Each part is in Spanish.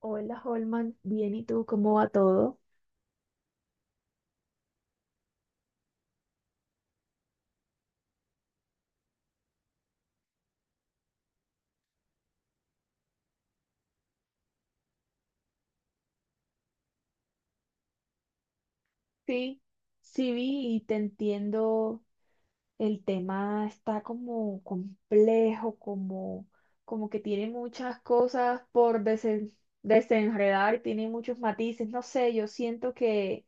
Hola, Holman. Bien, ¿y tú cómo va todo? Sí, sí vi y te entiendo. El tema está como complejo, como que tiene muchas cosas por desenredar, tiene muchos matices. No sé,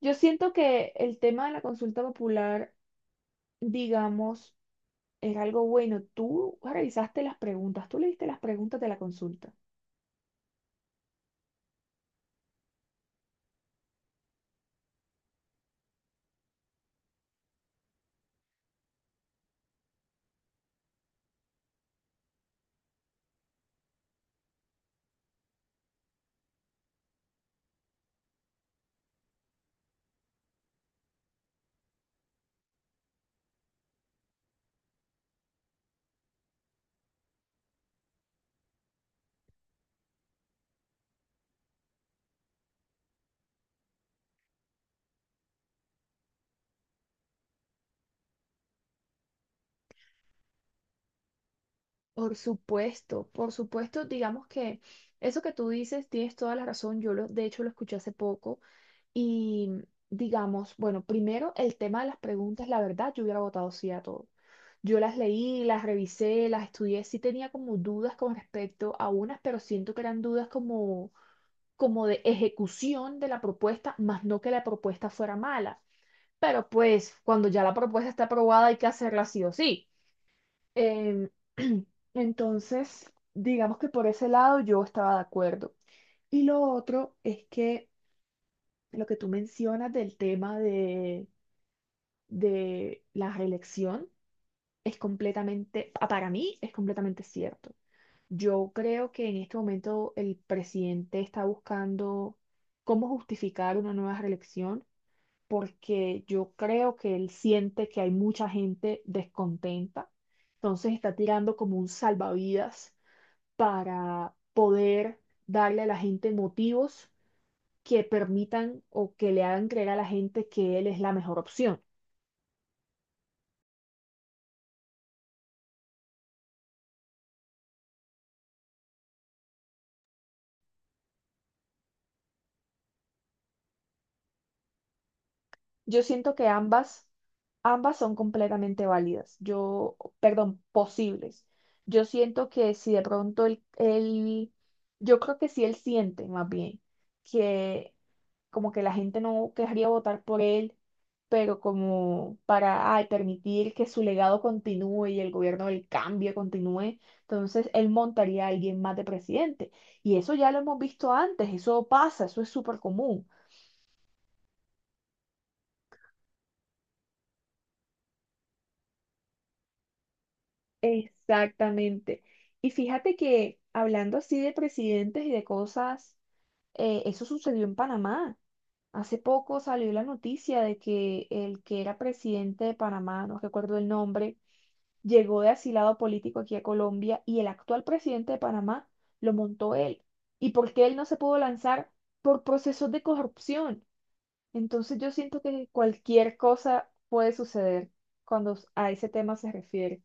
yo siento que el tema de la consulta popular, digamos, era algo bueno. Tú revisaste las preguntas, tú leíste las preguntas de la consulta. Por supuesto, digamos que eso que tú dices tienes toda la razón. De hecho lo escuché hace poco y digamos, bueno, primero el tema de las preguntas, la verdad, yo hubiera votado sí a todo. Yo las leí, las revisé, las estudié, sí tenía como dudas con respecto a unas, pero siento que eran dudas como de ejecución de la propuesta, más no que la propuesta fuera mala. Pero pues cuando ya la propuesta está aprobada hay que hacerla sí o sí. Em, entonces, digamos que por ese lado yo estaba de acuerdo. Y lo otro es que lo que tú mencionas del tema de la reelección para mí es completamente cierto. Yo creo que en este momento el presidente está buscando cómo justificar una nueva reelección porque yo creo que él siente que hay mucha gente descontenta. Entonces está tirando como un salvavidas para poder darle a la gente motivos que permitan o que le hagan creer a la gente que él es la mejor opción. Yo siento que ambas son completamente válidas. Yo, perdón, posibles. Yo siento que si de pronto él, él- yo creo que si él siente más bien que como que la gente no querría votar por él, pero como para ay, permitir que su legado continúe y el gobierno del cambio continúe, entonces él montaría a alguien más de presidente. Y eso ya lo hemos visto antes, eso pasa, eso es súper común. Exactamente. Y fíjate que hablando así de presidentes y de cosas, eso sucedió en Panamá. Hace poco salió la noticia de que el que era presidente de Panamá, no recuerdo el nombre, llegó de asilado político aquí a Colombia y el actual presidente de Panamá lo montó él. ¿Y por qué él no se pudo lanzar? Por procesos de corrupción. Entonces yo siento que cualquier cosa puede suceder cuando a ese tema se refiere.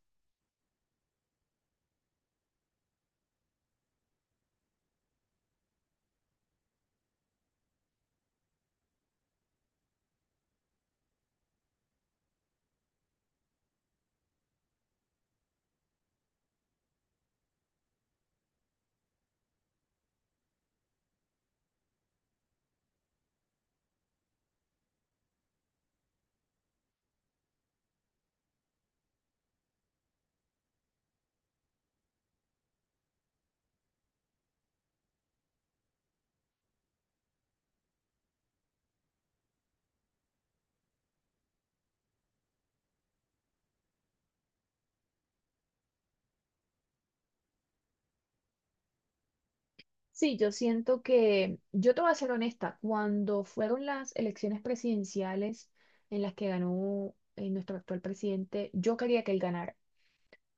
Sí, yo te voy a ser honesta, cuando fueron las elecciones presidenciales en las que ganó nuestro actual presidente, yo quería que él ganara.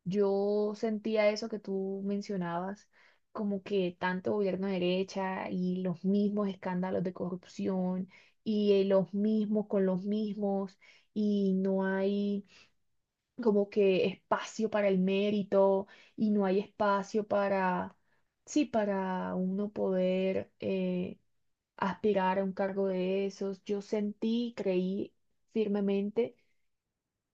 Yo sentía eso que tú mencionabas, como que tanto gobierno de derecha y los mismos escándalos de corrupción y los mismos con los mismos y no hay como que espacio para el mérito y no hay espacio para, sí, para uno poder aspirar a un cargo de esos. Yo sentí, creí firmemente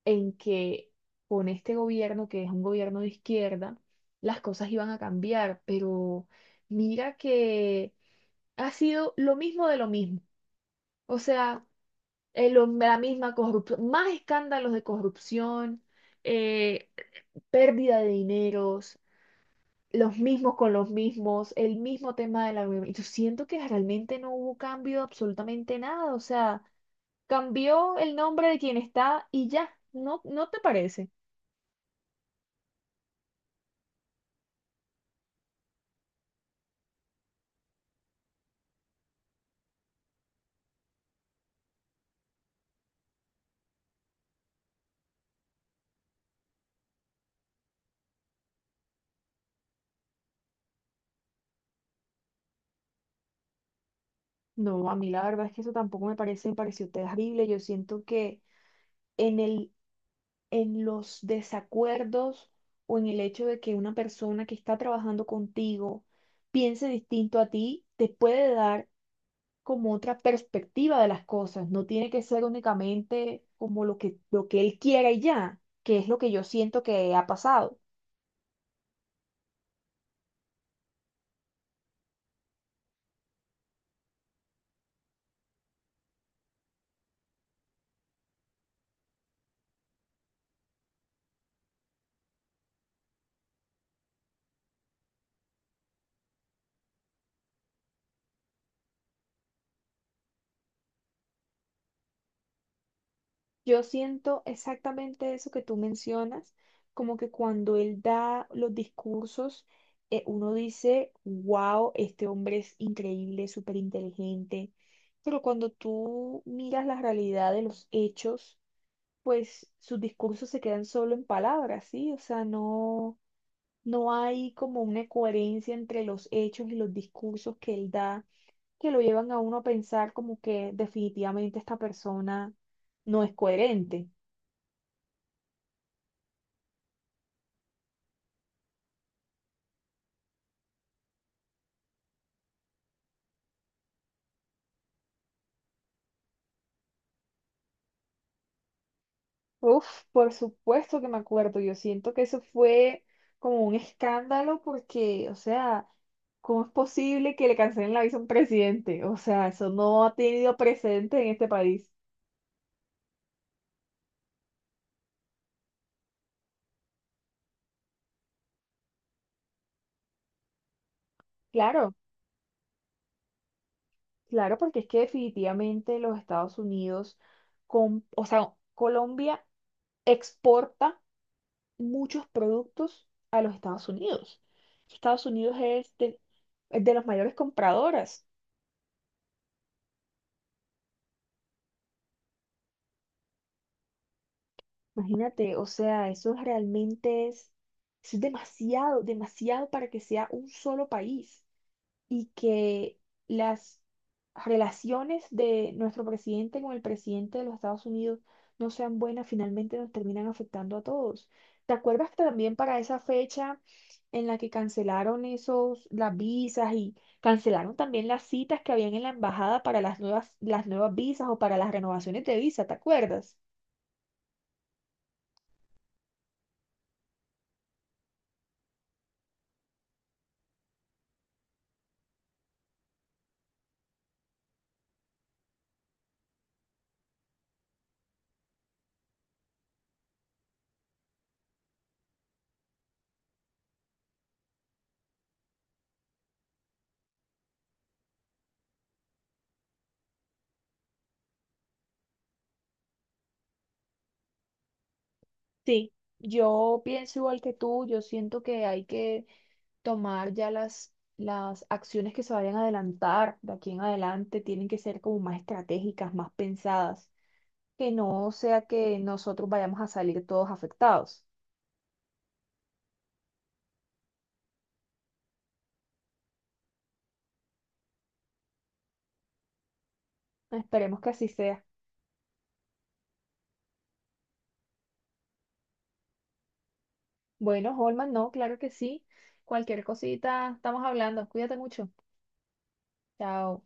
en que con este gobierno, que es un gobierno de izquierda, las cosas iban a cambiar, pero mira que ha sido lo mismo de lo mismo. O sea, la misma corrupción, más escándalos de corrupción. eh, Pérdida de dineros, los mismos con los mismos, el mismo tema de la. Y yo siento que realmente no hubo cambio de absolutamente nada, o sea, cambió el nombre de quien está y ya, ¿no, no te parece? No, a mí la verdad es que eso tampoco me parece, me pareció terrible, yo siento que en el, en los desacuerdos o en el hecho de que una persona que está trabajando contigo piense distinto a ti, te puede dar como otra perspectiva de las cosas, no tiene que ser únicamente como lo que él quiera y ya, que es lo que yo siento que ha pasado. Yo siento exactamente eso que tú mencionas, como que cuando él da los discursos, uno dice, wow, este hombre es increíble, súper inteligente, pero cuando tú miras la realidad de los hechos, pues sus discursos se quedan solo en palabras, ¿sí? O sea, no hay como una coherencia entre los hechos y los discursos que él da, que lo llevan a uno a pensar como que definitivamente esta persona no es coherente. Uf, por supuesto que me acuerdo. Yo siento que eso fue como un escándalo porque, o sea, ¿cómo es posible que le cancelen la visa a un presidente? O sea, eso no ha tenido precedente en este país. Claro, claro, porque es que definitivamente los Estados Unidos, o sea, Colombia exporta muchos productos a los Estados Unidos. Estados Unidos es de las mayores compradoras. Imagínate, o sea, eso es demasiado, demasiado para que sea un solo país. Y que las relaciones de nuestro presidente con el presidente de los Estados Unidos no sean buenas, finalmente nos terminan afectando a todos. ¿Te acuerdas que también para esa fecha en la que cancelaron las visas y cancelaron también las citas que habían en la embajada para las nuevas visas o para las renovaciones de visa? ¿Te acuerdas? Sí. Yo pienso igual que tú, yo siento que hay que tomar ya las acciones que se vayan a adelantar de aquí en adelante tienen que ser como más estratégicas, más pensadas, que no sea que nosotros vayamos a salir todos afectados. Esperemos que así sea. Bueno, Holman, no, claro que sí. Cualquier cosita, estamos hablando. Cuídate mucho. Chao.